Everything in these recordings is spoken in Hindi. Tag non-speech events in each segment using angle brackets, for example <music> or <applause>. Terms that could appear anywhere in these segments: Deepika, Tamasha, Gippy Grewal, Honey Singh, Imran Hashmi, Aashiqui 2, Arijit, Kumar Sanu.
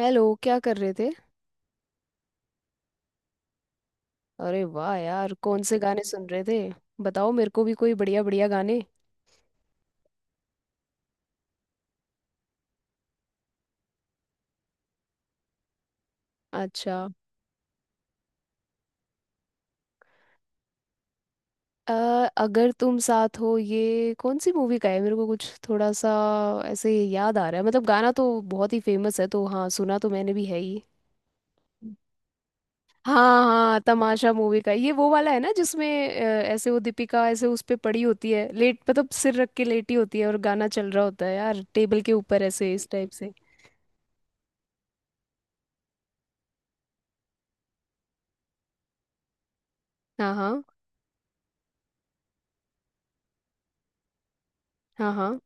हेलो, क्या कर रहे थे। अरे वाह यार, कौन से गाने सुन रहे थे। बताओ मेरे को भी कोई बढ़िया बढ़िया गाने। अच्छा। अ, अगर तुम साथ हो ये कौन सी मूवी का है, मेरे को कुछ थोड़ा सा ऐसे याद आ रहा है। मतलब गाना तो बहुत ही फेमस है, तो हाँ, सुना तो मैंने भी है ही। हाँ हाँ, तमाशा मूवी का ये वो वाला है ना जिसमें अ, ऐसे वो दीपिका ऐसे उस पे पड़ी होती है लेट, मतलब सिर रख के लेटी होती है और गाना चल रहा होता है यार, टेबल के ऊपर ऐसे इस टाइप से। हाँ हाँ हाँ हाँ।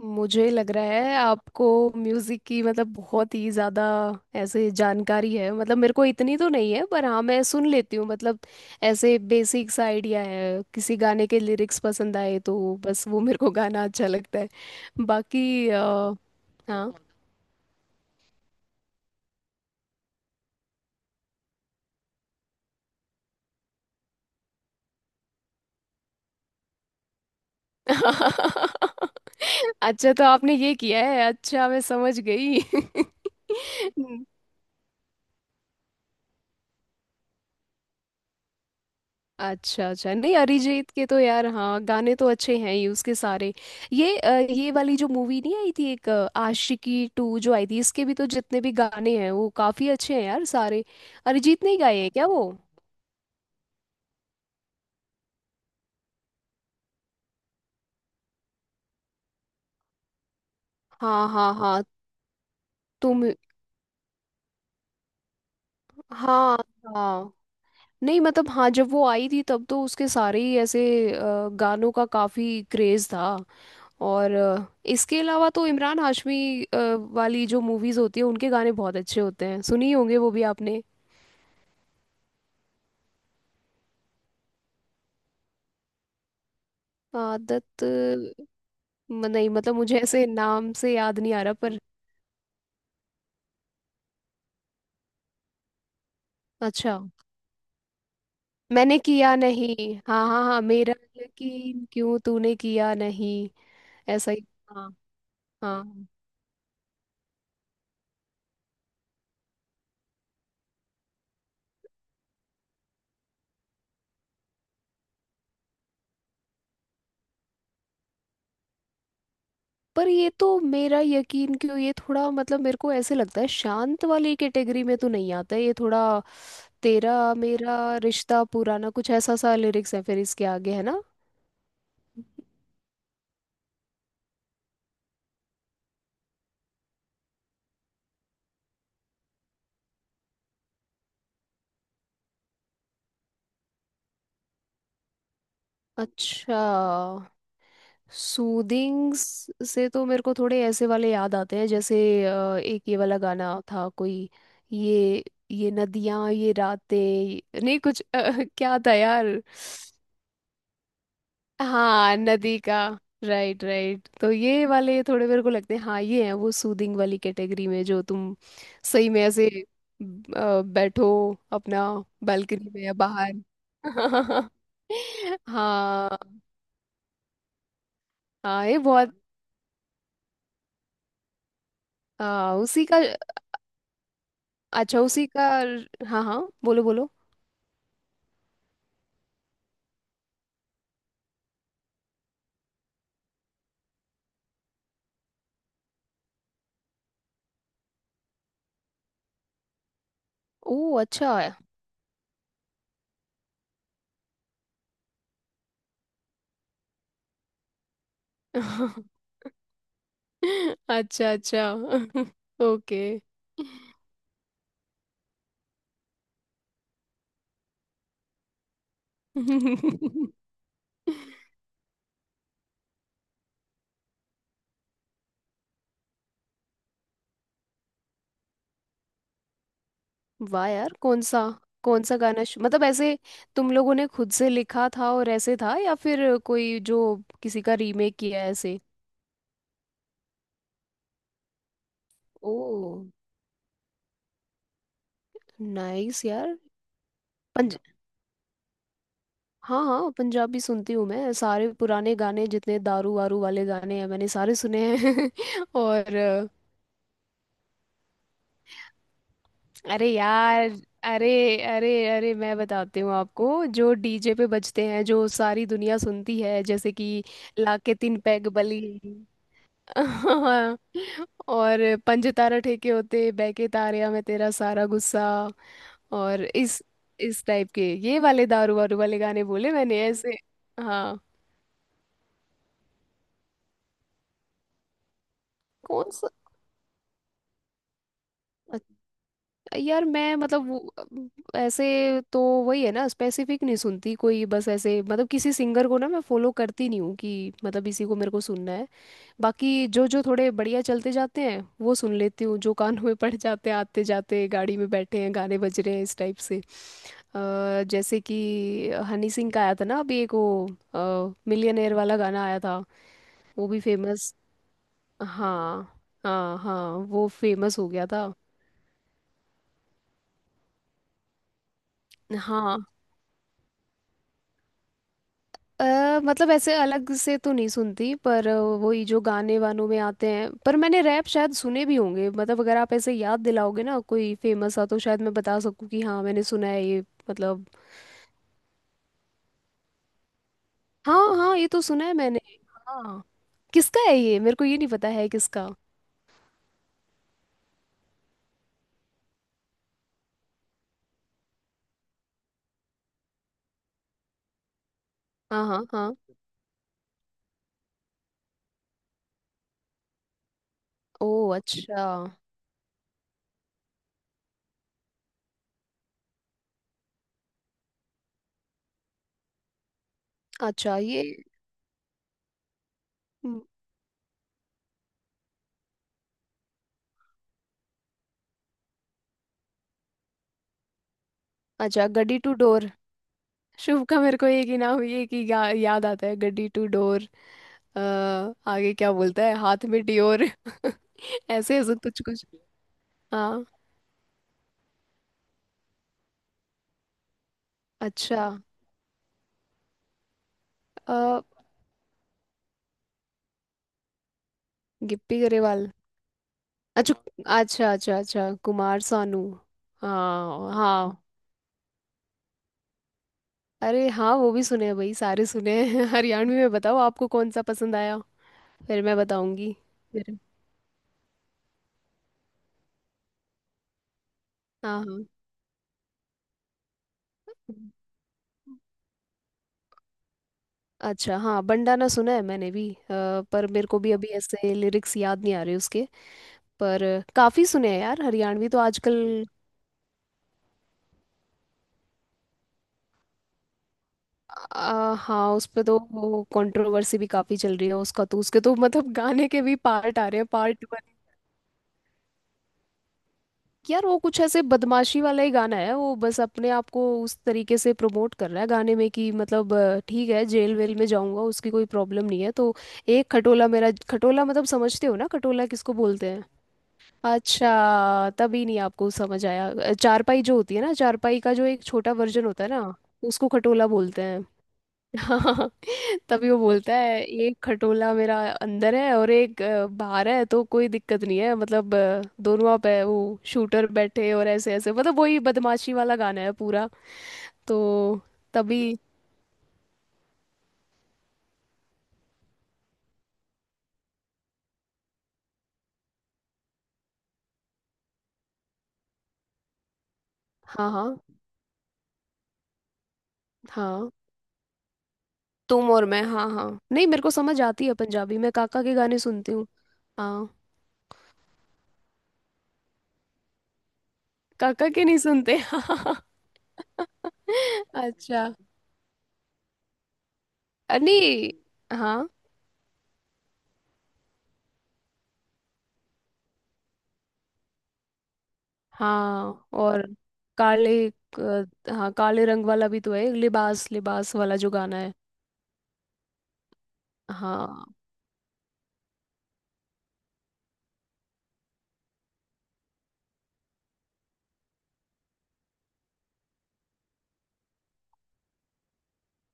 मुझे लग रहा है आपको म्यूजिक की मतलब बहुत ही ज्यादा ऐसे जानकारी है। मतलब मेरे को इतनी तो नहीं है, पर हाँ मैं सुन लेती हूँ। मतलब ऐसे बेसिक सा आइडिया है। किसी गाने के लिरिक्स पसंद आए तो बस वो मेरे को गाना अच्छा लगता है। बाकी हाँ। <laughs> अच्छा, तो आपने ये किया है। अच्छा, मैं समझ गई। <laughs> अच्छा अच्छा, नहीं, अरिजीत के तो यार हाँ, गाने तो अच्छे हैं ही उसके सारे। ये ये वाली जो मूवी नहीं आई थी एक आशिकी टू जो आई थी, इसके भी तो जितने भी गाने हैं वो काफी अच्छे हैं यार सारे। अरिजीत ने ही गाए हैं क्या वो। हाँ हाँ हाँ। तुम हाँ हाँ। नहीं मतलब हाँ, जब वो आई थी तब तो उसके सारे ही ऐसे गानों का काफी क्रेज था। और इसके अलावा तो इमरान हाशमी वाली जो मूवीज होती है उनके गाने बहुत अच्छे होते हैं। सुनी होंगे वो भी आपने। आदत। नहीं मतलब मुझे ऐसे नाम से याद नहीं आ रहा पर। अच्छा। मैंने किया नहीं, हाँ हाँ हाँ, मेरा यकीन क्यों तूने किया नहीं। ऐसा ही। हाँ हाँ। पर ये तो मेरा यकीन क्यों, ये थोड़ा मतलब मेरे को ऐसे लगता है शांत वाली कैटेगरी में तो नहीं आता है ये थोड़ा। तेरा मेरा रिश्ता पुराना, कुछ ऐसा सा लिरिक्स है फिर इसके आगे है ना। अच्छा। सूदिंग से तो मेरे को थोड़े ऐसे वाले याद आते हैं, जैसे एक ये वाला गाना था कोई, ये ये नदियां ये रातें नहीं कुछ <laughs> क्या था यार। हाँ, नदी का। राइट राइट, तो ये वाले थोड़े मेरे को लगते हैं। हाँ ये हैं वो सूदिंग वाली कैटेगरी में, जो तुम सही में ऐसे बैठो अपना बालकनी में या बाहर। <laughs> हाँ हाँ, ये बहुत हाँ उसी का। अच्छा उसी का। हाँ हाँ, बोलो बोलो। ओ अच्छा। <laughs> अच्छा अच्छा। <laughs> ओके। <laughs> वाह यार, कौन सा गाना मतलब ऐसे तुम लोगों ने खुद से लिखा था और ऐसे था, या फिर कोई जो किसी का रीमेक किया है ऐसे। ओ नाइस यार। पंज। हाँ हाँ, पंजाबी सुनती हूँ मैं। सारे पुराने गाने जितने दारू वारू वाले गाने हैं मैंने सारे सुने हैं। <laughs> और अरे यार, अरे अरे अरे मैं बताती हूँ आपको, जो डीजे पे बजते हैं जो सारी दुनिया सुनती है, जैसे कि लाके तीन पैग बली। <laughs> और पंज तारा ठेके होते, बहके तारया मैं तेरा सारा गुस्सा, और इस टाइप के, ये वाले दारू वारू वाले गाने बोले मैंने ऐसे। हाँ कौन सा, यार मैं मतलब ऐसे तो वही है ना, स्पेसिफिक नहीं सुनती कोई। बस ऐसे मतलब किसी सिंगर को ना मैं फॉलो करती नहीं हूँ कि मतलब इसी को मेरे को सुनना है। बाकी जो जो थोड़े बढ़िया चलते जाते हैं वो सुन लेती हूँ, जो कान में पड़ जाते हैं आते जाते, गाड़ी में बैठे हैं गाने बज रहे हैं इस टाइप से। जैसे कि हनी सिंह का आया था ना अभी एक वो मिलियनेयर वाला गाना आया था, वो भी फेमस। हाँ हाँ हाँ, वो फेमस हो गया था। हाँ। अ मतलब ऐसे अलग से तो नहीं सुनती, पर वही जो गाने वानों में आते हैं, पर मैंने रैप शायद सुने भी होंगे। मतलब अगर आप ऐसे याद दिलाओगे ना कोई फेमस सा तो शायद मैं बता सकूं कि हाँ मैंने सुना है ये। मतलब हाँ हाँ, ये तो सुना है मैंने। हाँ। किसका है ये, मेरे को ये नहीं पता है किसका। हाँ हाँ हाँ। ओ अच्छा। अच्छा ये। हम्म। अच्छा, गड्डी टू डोर। शुभ का मेरे को एक ही नाम ये कि याद आता है, गड्डी टू डोर। अ, आगे क्या बोलता है, हाथ में डियोर। <laughs> ऐसे ऐसे कुछ कुछ हाँ। अच्छा। अ, गिप्पी गरेवाल। अच्छा अच्छा अच्छा अच्छा, कुमार सानू। हाँ हाँ। अरे हाँ, वो भी सुने हैं भाई सारे सुने हैं। <laughs> हरियाणवी में बताओ आपको कौन सा पसंद आया, फिर मैं बताऊंगी फिर। हाँ हाँ। अच्छा हाँ, बंडाना सुना है मैंने भी। पर मेरे को भी अभी ऐसे लिरिक्स याद नहीं आ रहे उसके। पर काफ़ी सुने हैं यार हरियाणवी तो आजकल। आ, हाँ, उस पे तो वो कंट्रोवर्सी भी काफी चल रही है उसका तो, उसके तो मतलब गाने के भी पार्ट आ रहे हैं, पार्ट वन। यार वो कुछ ऐसे बदमाशी वाला ही गाना है वो, बस अपने आप को उस तरीके से प्रमोट कर रहा है गाने में कि मतलब ठीक है जेल वेल में जाऊंगा, उसकी कोई प्रॉब्लम नहीं है तो। एक खटोला मेरा खटोला, मतलब समझते हो ना खटोला किसको बोलते हैं। अच्छा, तभी नहीं आपको समझ आया। चारपाई जो होती है ना, चारपाई का जो एक छोटा वर्जन होता है ना उसको खटोला बोलते हैं। हाँ। <laughs> तभी वो बोलता है एक खटोला मेरा अंदर है और एक बाहर है तो कोई दिक्कत नहीं है, मतलब दोनों आप है वो शूटर बैठे और ऐसे ऐसे, मतलब वही बदमाशी वाला गाना है पूरा। तो तभी। हाँ हाँ हाँ, तुम और मैं, हाँ हाँ, नहीं मेरे को समझ आती है पंजाबी। मैं काका के गाने सुनती हूँ। हाँ, काका के नहीं सुनते। <laughs> अच्छा। नहीं। हाँ हाँ। और काले हाँ, काले रंग वाला भी तो है, लिबास लिबास वाला जो गाना है। हाँ।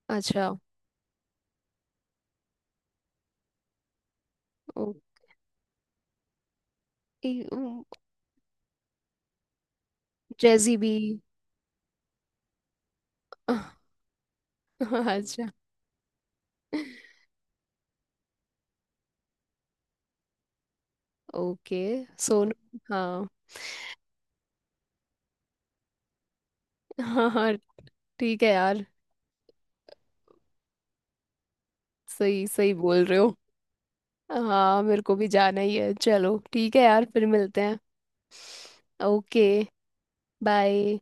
अच्छा। ओ, ई- उ- जैजी भी। <laughs> अच्छा। ओके। सोनू। हाँ हाँ हाँ, ठीक है यार, सही सही बोल रहे हो। हाँ मेरे को भी जाना ही है, चलो ठीक है यार, फिर मिलते हैं। ओके। बाय।